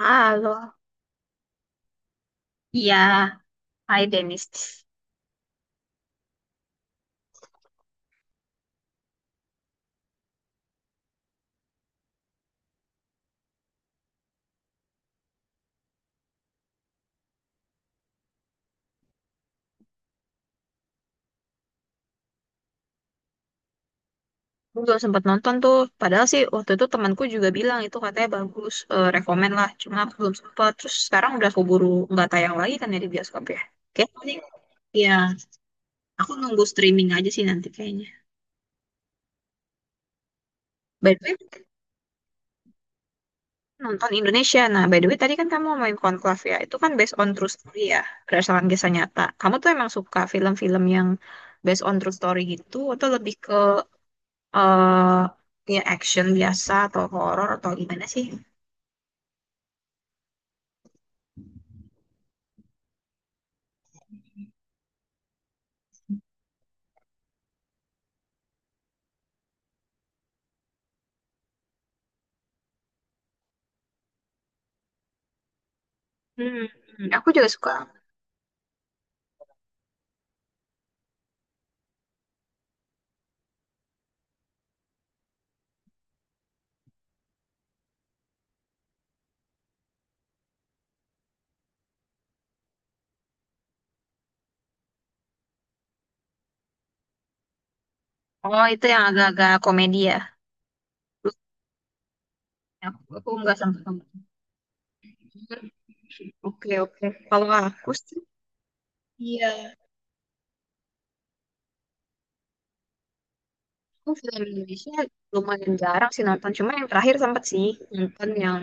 Halo, iya, Hai Dennis. Gue belum sempat nonton tuh. Padahal sih waktu itu temanku juga bilang itu katanya bagus, rekomen lah. Cuma aku belum sempat. Terus sekarang udah keburu nggak tayang lagi kan ya di bioskop ya. Kayaknya sih, ya aku nunggu streaming aja sih nanti kayaknya. By the way, nonton Indonesia. Nah, by the way tadi kan kamu main Conclave ya. Itu kan based on true story ya, berdasarkan kisah nyata. Kamu tuh emang suka film-film yang based on true story gitu atau lebih ke eh ya action biasa atau horor atau gimana sih? Hmm, hmm, aku juga suka. Oh, itu yang agak-agak komedi ya. Lu- aku nggak sampai nonton. Oke, oke. Kalau aku sih, iya. Aku film Indonesia lumayan jarang sih nonton. Cuma yang terakhir sempat sih nonton yang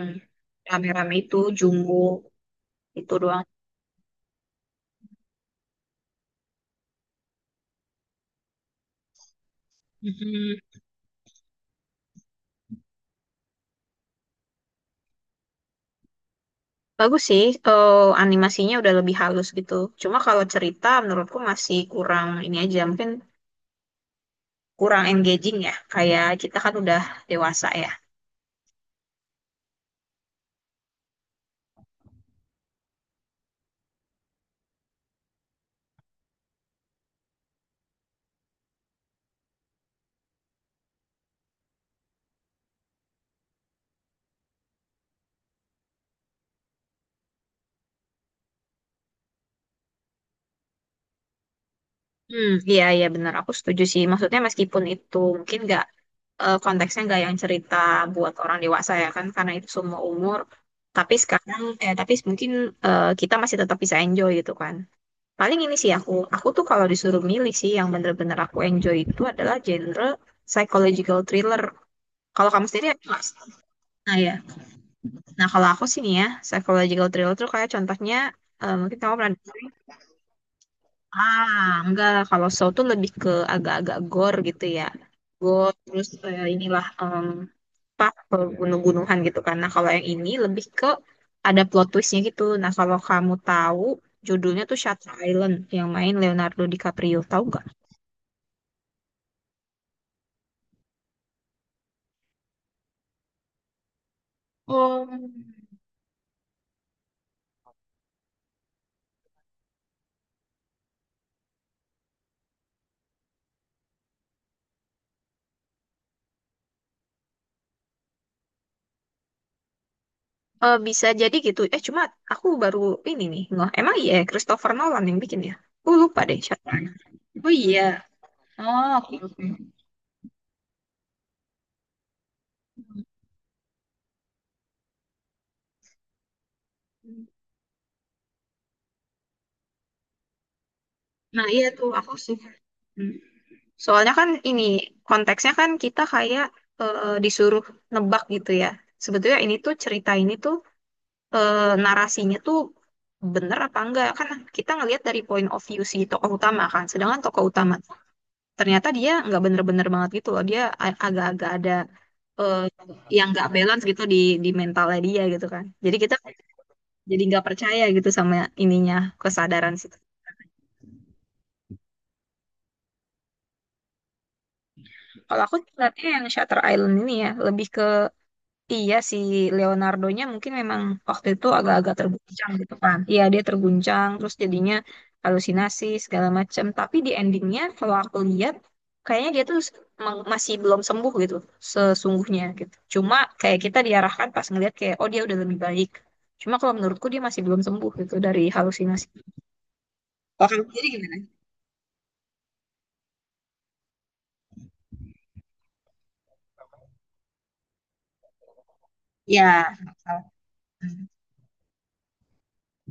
rame-rame itu, Jumbo. Itu doang. Mhm. Bagus sih, animasinya udah lebih halus gitu. Cuma kalau cerita menurutku masih kurang ini aja. Mungkin kurang engaging ya. Kayak kita kan udah dewasa ya. Hmm, iya iya benar. Aku setuju sih. Maksudnya meskipun itu mungkin nggak konteksnya nggak yang cerita buat orang dewasa ya kan karena itu semua umur. Tapi sekarang tapi mungkin kita masih tetap bisa enjoy gitu kan. Paling ini sih aku tuh kalau disuruh milih sih yang bener-bener aku enjoy itu adalah genre psychological thriller. Kalau kamu sendiri apa? Mas? Nah ya. Nah kalau aku sih nih ya psychological thriller tuh kayak contohnya mungkin kamu pernah. Ah, enggak. Kalau show tuh lebih ke agak-agak gore gitu ya. Gore, terus inilah pak gunung-gunungan gitu. Karena kalau yang ini lebih ke ada plot twistnya gitu. Nah, kalau kamu tahu judulnya tuh Shutter Island yang main Leonardo DiCaprio. Tahu nggak? Oh, bisa jadi gitu. Cuma aku baru ini nih. Nggak, emang iya Christopher Nolan yang bikin ya? Aku lupa deh Shutter Island. Oh iya. Oh, oke, oke. Nah, iya tuh aku suka. Soalnya kan ini konteksnya kan kita kayak disuruh nebak gitu ya. Sebetulnya ini tuh cerita ini tuh narasinya tuh bener apa enggak kan kita ngelihat dari point of view si tokoh utama kan. Sedangkan tokoh utama ternyata dia nggak bener-bener banget gitu loh. Dia agak-agak ada eh, yang nggak balance gitu di mentalnya dia gitu kan. Jadi kita jadi nggak percaya gitu sama ininya kesadaran situ. Kalau aku lihatnya yang Shutter Island ini ya lebih ke. Iya si Leonardo-nya mungkin memang waktu itu agak-agak terguncang gitu kan. Iya dia terguncang terus jadinya halusinasi segala macam. Tapi di endingnya kalau aku lihat kayaknya dia tuh masih belum sembuh gitu sesungguhnya gitu. Cuma kayak kita diarahkan pas ngelihat kayak oh dia udah lebih baik. Cuma kalau menurutku dia masih belum sembuh gitu dari halusinasi. Kalau kamu sendiri gimana? Ya. Salah.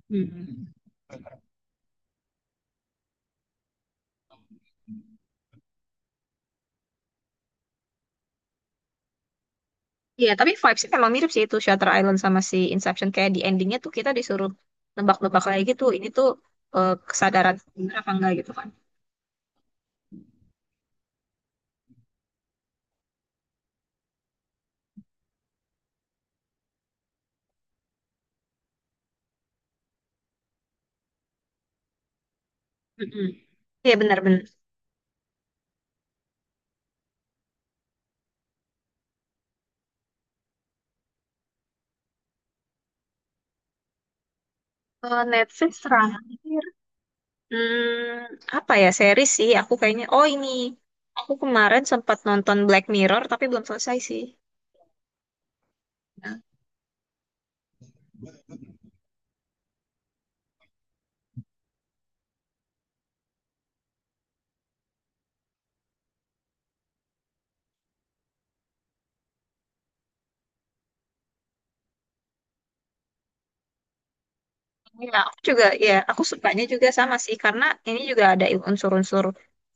Hmm. Iya, tapi vibes-nya memang mirip sih itu Shutter Island sama si Inception. Kayak di endingnya tuh kita disuruh nebak-nebak lagi gitu. Ini tuh kesadaran bener apa enggak gitu kan. Mm-mm. Iya benar-benar. Eh, Netflix terakhir. Hmm, apa ya series sih? Aku kayaknya. Oh ini. Aku kemarin sempat nonton Black Mirror tapi belum selesai sih. Iya, aku juga. Ya, aku sukanya juga sama sih karena ini juga ada unsur-unsur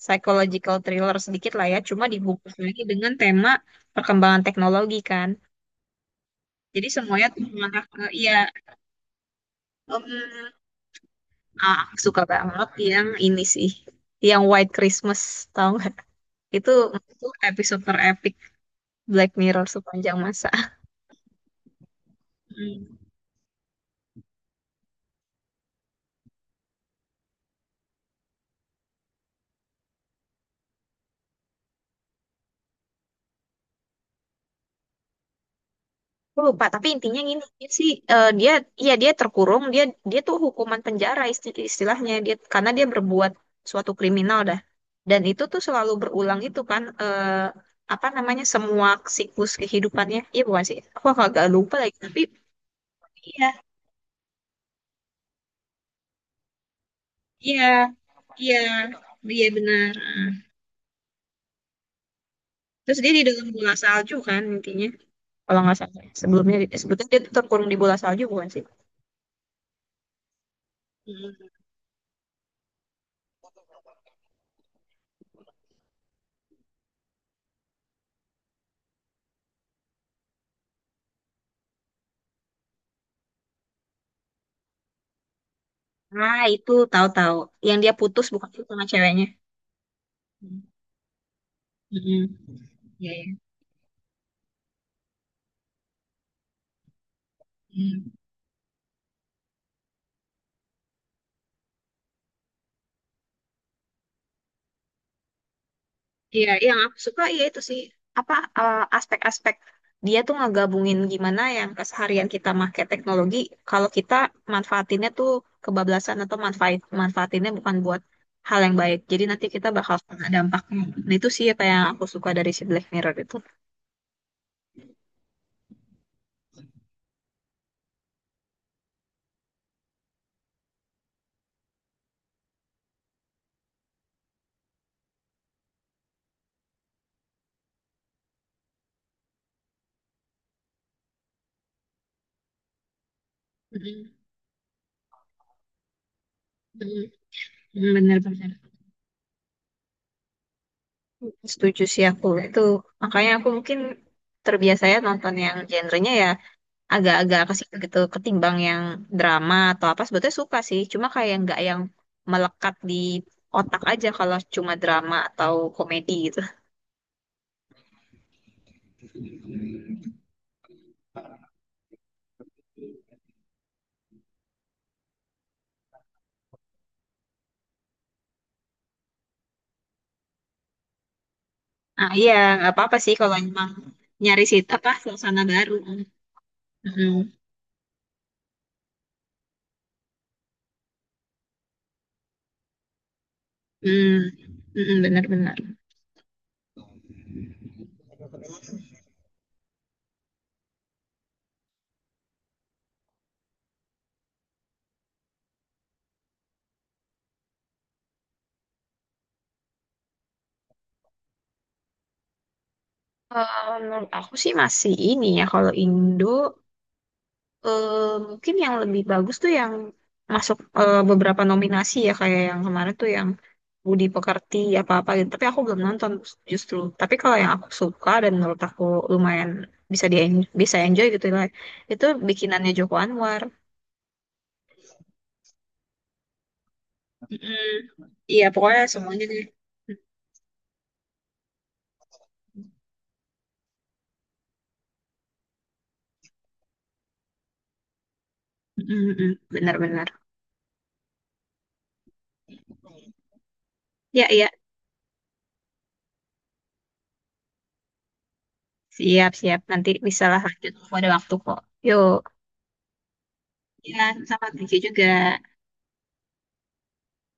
psychological thriller sedikit lah ya. Cuma dibungkus lagi dengan tema perkembangan teknologi kan. Jadi semuanya tuh mengarah ke iya em, ah, suka banget yang ini sih, yang White Christmas tau nggak? Itu itu episode terepik Black Mirror sepanjang masa. Hmm. Aku lupa, tapi intinya gini dia sih dia ya dia terkurung, dia dia tuh hukuman penjara istilahnya dia karena dia berbuat suatu kriminal dah. Dan itu tuh selalu berulang itu kan apa namanya semua siklus kehidupannya. Iya bukan sih? Aku agak lupa lagi tapi iya, iya, iya, iya benar. Ah. Terus dia di dalam bola salju kan intinya, kalau nggak salah. Sebelumnya sebetulnya dia tuh terkurung di bola salju bukan sih? Mm. Ah itu tahu-tahu yang dia putus bukan sih sama ceweknya? Mm. Mm-mm. Iya, iya. Mm. Iya, yang aku suka ya itu sih apa aspek-aspek dia tuh ngegabungin gimana yang keseharian kita pakai teknologi kalau kita manfaatinnya tuh kebablasan atau manfaatinnya bukan buat hal yang baik. Jadi nanti kita bakal kena dampaknya. Nah, itu sih apa yang aku suka dari si Black Mirror itu. Mm-mm, mm-mm, mm, bener-bener. Setuju sih aku. Itu makanya aku mungkin terbiasanya nonton yang genrenya ya agak-agak ke situ gitu ketimbang yang drama atau apa sebetulnya suka sih cuma kayak nggak yang melekat di otak aja kalau cuma drama atau komedi gitu. Ah iya, nggak apa-apa sih kalau emang nyari situ apa suasana baru. Mm, mm, mm-mm, benar-benar. Eh, menurut aku sih masih ini ya kalau Indo eh, mungkin yang lebih bagus tuh yang masuk beberapa nominasi ya kayak yang kemarin tuh yang Budi Pekerti apa-apa gitu. Tapi aku belum nonton justru. Tapi kalau yang aku suka dan menurut aku lumayan bisa di bisa enjoy gitu lah. Itu bikinannya Joko Anwar. Mm-mm. Iya pokoknya semuanya deh. Mm-mm. Benar-benar. Ya iya siap-siap nanti bisa lah lanjut. Aku ada waktu kok. Yuk. Ya sama thank you juga.